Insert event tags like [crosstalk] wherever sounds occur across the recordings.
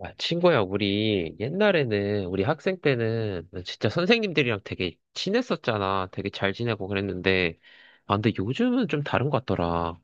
아, 친구야, 우리 옛날에는 우리 학생 때는 진짜 선생님들이랑 되게 친했었잖아. 되게 잘 지내고 그랬는데, 아, 근데 요즘은 좀 다른 것 같더라.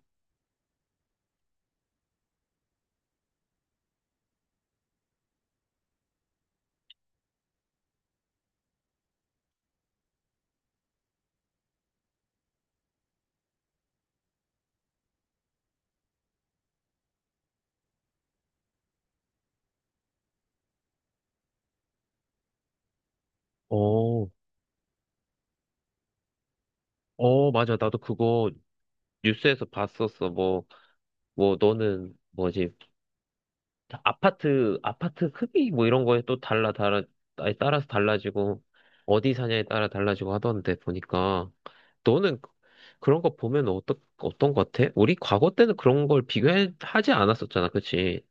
어, 어, 맞아. 나도 그거 뉴스에서 봤었어. 뭐, 뭐, 너는 뭐지? 다 아파트 크기 뭐 이런 거에 또 달라, 달라, 아니, 따라서 달라지고, 어디 사냐에 따라 달라지고 하던데 보니까, 너는 그- 그런 거 보면 어떤 거 같아? 우리 과거 때는 그런 걸 비교하지 않았었잖아, 그치?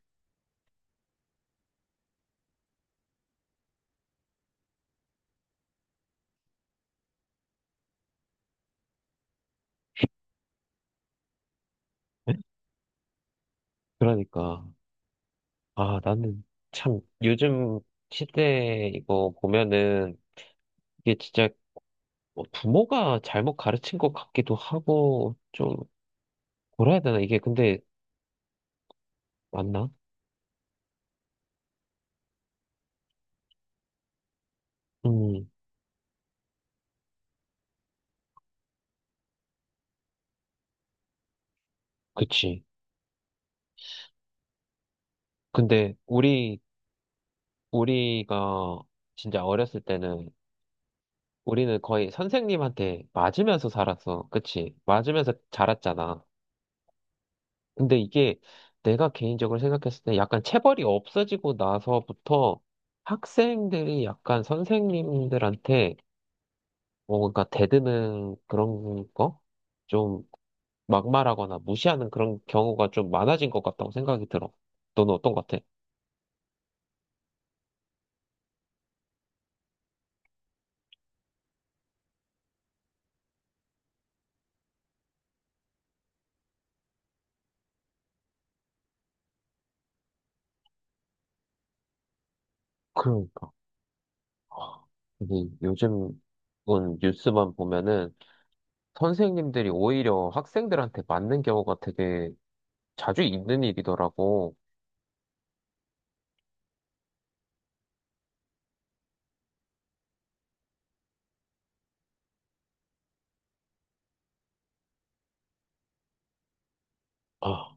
그러니까. 아, 나는 참 요즘 시대 이거 보면은 이게 진짜 뭐 부모가 잘못 가르친 것 같기도 하고, 좀 뭐라 해야 되나? 이게 근데 맞나? 음, 그치. 근데 우리가 진짜 어렸을 때는 우리는 거의 선생님한테 맞으면서 살았어. 그치? 맞으면서 자랐잖아. 근데 이게 내가 개인적으로 생각했을 때, 약간 체벌이 없어지고 나서부터 학생들이 약간 선생님들한테 뭐 뭔가 대드는 그런 거? 좀 막말하거나 무시하는 그런 경우가 좀 많아진 것 같다고 생각이 들어. 너는 어떤 것 같아? 그러니까. 근데 요즘은 뉴스만 보면은 선생님들이 오히려 학생들한테 맞는 경우가 되게 자주 있는 일이더라고. 아,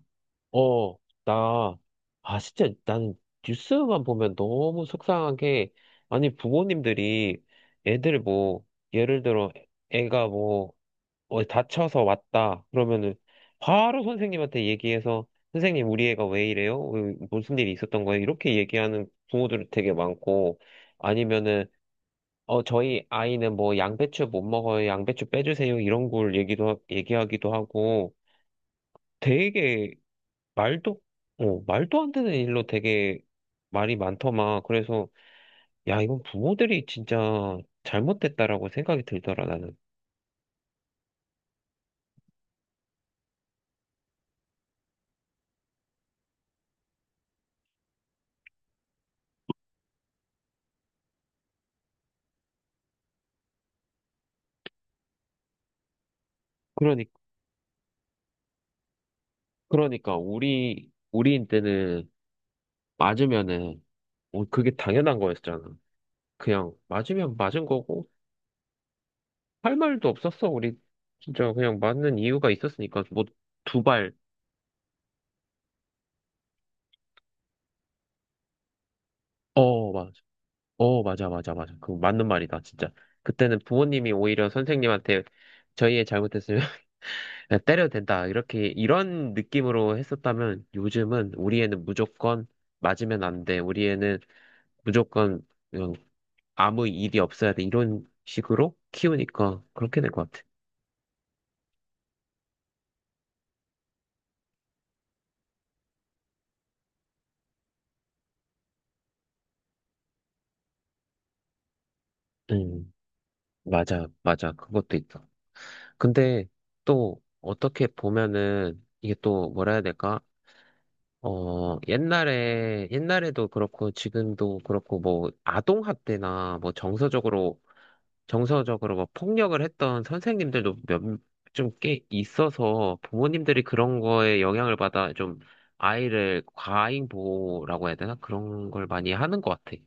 어, 나, 아, 진짜, 난 뉴스만 보면 너무 속상한 게, 아니, 부모님들이 애들 뭐, 예를 들어, 애가 뭐, 어, 다쳐서 왔다. 그러면은 바로 선생님한테 얘기해서, 선생님, 우리 애가 왜 이래요? 왜- 무슨 일이 있었던 거예요? 이렇게 얘기하는 부모들 되게 많고, 아니면은, 어, 저희 아이는 뭐 양배추 못 먹어요. 양배추 빼주세요. 이런 걸 얘기도, 얘기하기도 하고 되게 말도, 어, 말도 안 되는 일로 되게 말이 많더만. 그래서 야, 이건 부모들이 진짜 잘못됐다라고 생각이 들더라, 나는. 그러니, 그러니까 우리 때는 맞으면은 어, 그게 당연한 거였잖아. 그냥 맞으면 맞은 거고 할 말도 없었어. 우리 진짜 그냥 맞는 이유가 있었으니까 뭐. 두 발, 어, 맞. 어, 맞아, 맞아, 맞아. 그 맞는 말이다, 진짜. 그때는 부모님이 오히려 선생님한테 저희의 잘못했으면 [laughs] 그냥 때려도 된다, 이렇게, 이런 느낌으로 했었다면, 요즘은 우리 애는 무조건 맞으면 안 돼. 우리 애는 무조건 그냥 아무 일이 없어야 돼. 이런 식으로 키우니까 그렇게 될 것 같아. 음, 맞아. 그것도 있다. 근데 또 어떻게 보면은 이게 또 뭐라 해야 될까? 어, 옛날에도 그렇고, 지금도 그렇고, 뭐, 아동학대나, 뭐, 정서적으로 뭐, 폭력을 했던 선생님들도 몇, 좀 꽤 있어서, 부모님들이 그런 거에 영향을 받아, 좀, 아이를 과잉 보호라고 해야 되나? 그런 걸 많이 하는 것 같아.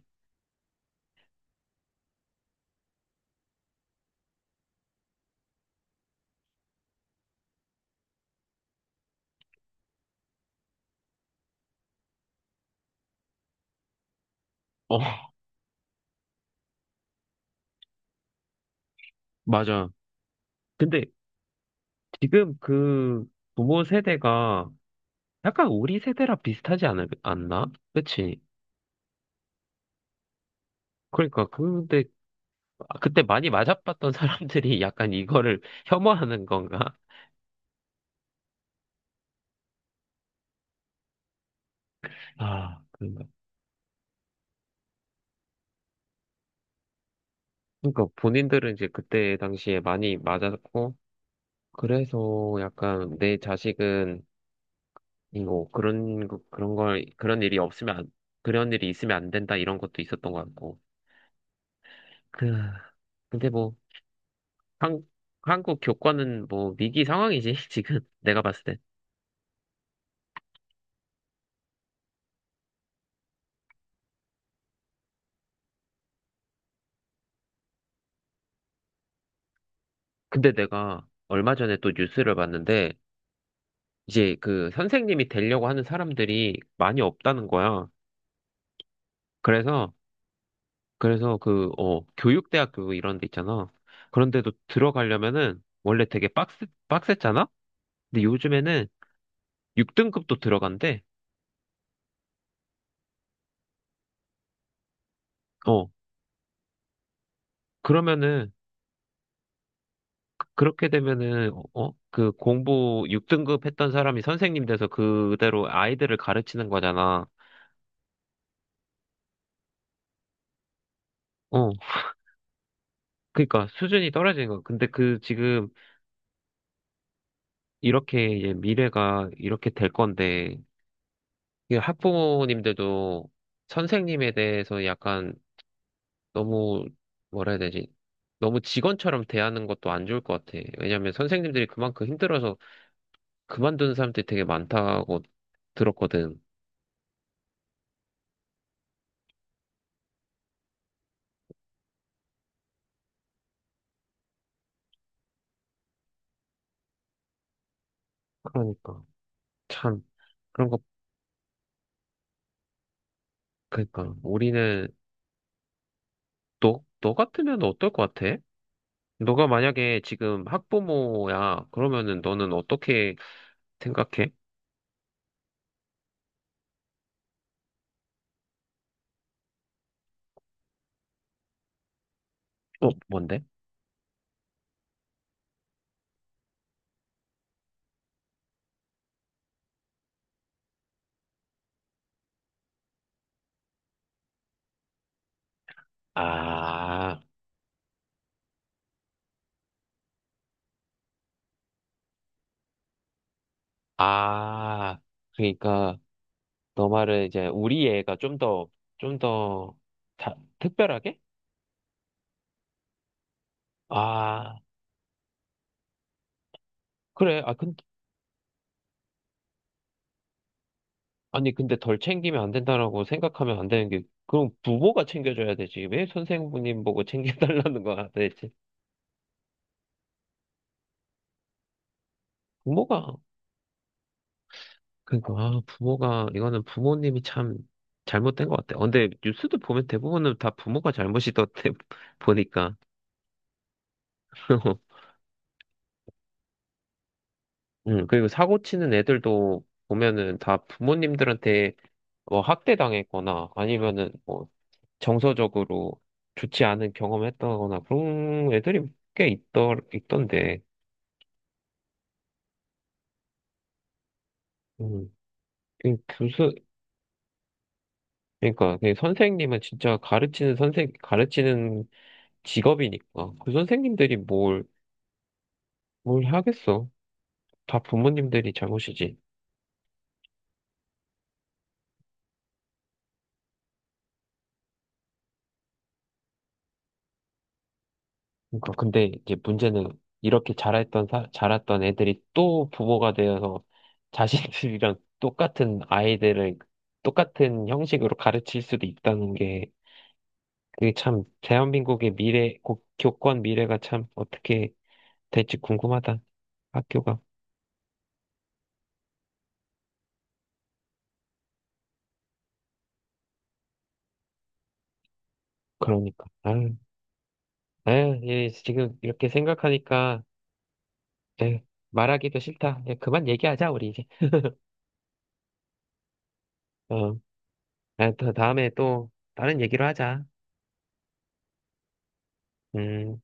어, 맞아. 근데 지금 그 부모 세대가 약간 우리 세대랑 않나? 그치? 그러니까, 근데 아, 그때 많이 맞아봤던 사람들이 [laughs] 약간 이거를 혐오하는 건가? 아, 그런가. 그러니까 본인들은 이제 그때 당시에 많이 맞았고, 그래서 약간 내 자식은 이거 그런, 거- 그런 걸, 그런 일이 없으면 안, 그런 일이 있으면 안 된다, 이런 것도 있었던 것 같고. 그, 근데 뭐, 한, 한국 교과는 뭐 위기 상황이지, [laughs] 지금 내가 봤을 때. 근데 내가 얼마 전에 또 뉴스를 봤는데, 이제 그 선생님이 되려고 하는 사람들이 많이 없다는 거야. 그래서, 그래서 그, 어, 교육대학교 이런 데 있잖아. 그런데도 들어가려면은 원래 되게 빡셌잖아? 근데 요즘에는 6등급도 들어간대. 어, 그러면은, 그렇게 되면은, 어, 그 공부 6등급 했던 사람이 선생님 돼서 그대로 아이들을 가르치는 거잖아. 어, 그러니까 수준이 떨어지는 거. 근데 그 지금 이렇게 이제 미래가 이렇게 될 건데, 이 학부모님들도 선생님에 대해서 약간 너무 뭐라 해야 되지? 너무 직원처럼 대하는 것도 안 좋을 것 같아. 왜냐면 선생님들이 그만큼 힘들어서 그만둔 사람들이 되게 많다고 들었거든. 그러니까 참 그런 거. 그러니까 우리는 너 같으면 어떨 것 같아? 너가 만약에 지금 학부모야, 그러면은 너는 어떻게 생각해? 어, 뭔데? 아, 아, 그러니까 너 말은 이제 우리 애가 좀 더 특별하게? 아, 그래. 아니, 근데 덜 챙기면 안 된다라고 생각하면 안 되는 게, 그럼 부모가 챙겨줘야 되지. 왜 선생님 보고 챙겨달라는 거야, 대체. 부모가, 부모가, 이거는 부모님이 참 잘못된 것 같아. 어, 근데 뉴스도 보면 대부분은 다 부모가 잘못이던데, [laughs] 보니까. [laughs] 응, 그리고 사고 치는 애들도 보면은 다 부모님들한테 뭐 학대당했거나 아니면은 뭐 정서적으로 좋지 않은 경험을 했다거나 그런 애들이 있던데. 음, 그 교수, 그러니까 그 선생님은 진짜 가르치는 직업이니까 그 선생님들이 뭘 하겠어. 다 부모님들이 잘못이지. 그러니까 근데 이제 문제는 이렇게 자랐던 애들이 또 부모가 되어서 자신들이랑 똑같은 아이들을 똑같은 형식으로 가르칠 수도 있다는 게, 그게 참 대한민국의 교권 미래가 참 어떻게 될지 궁금하다. 학교가. 그러니까. 아유, 예, 지금 이렇게 생각하니까 예, 말하기도 싫다. 예, 그만 얘기하자, 우리 이제. 어, 아, 또 다음에 또 다른 얘기로 하자. 음.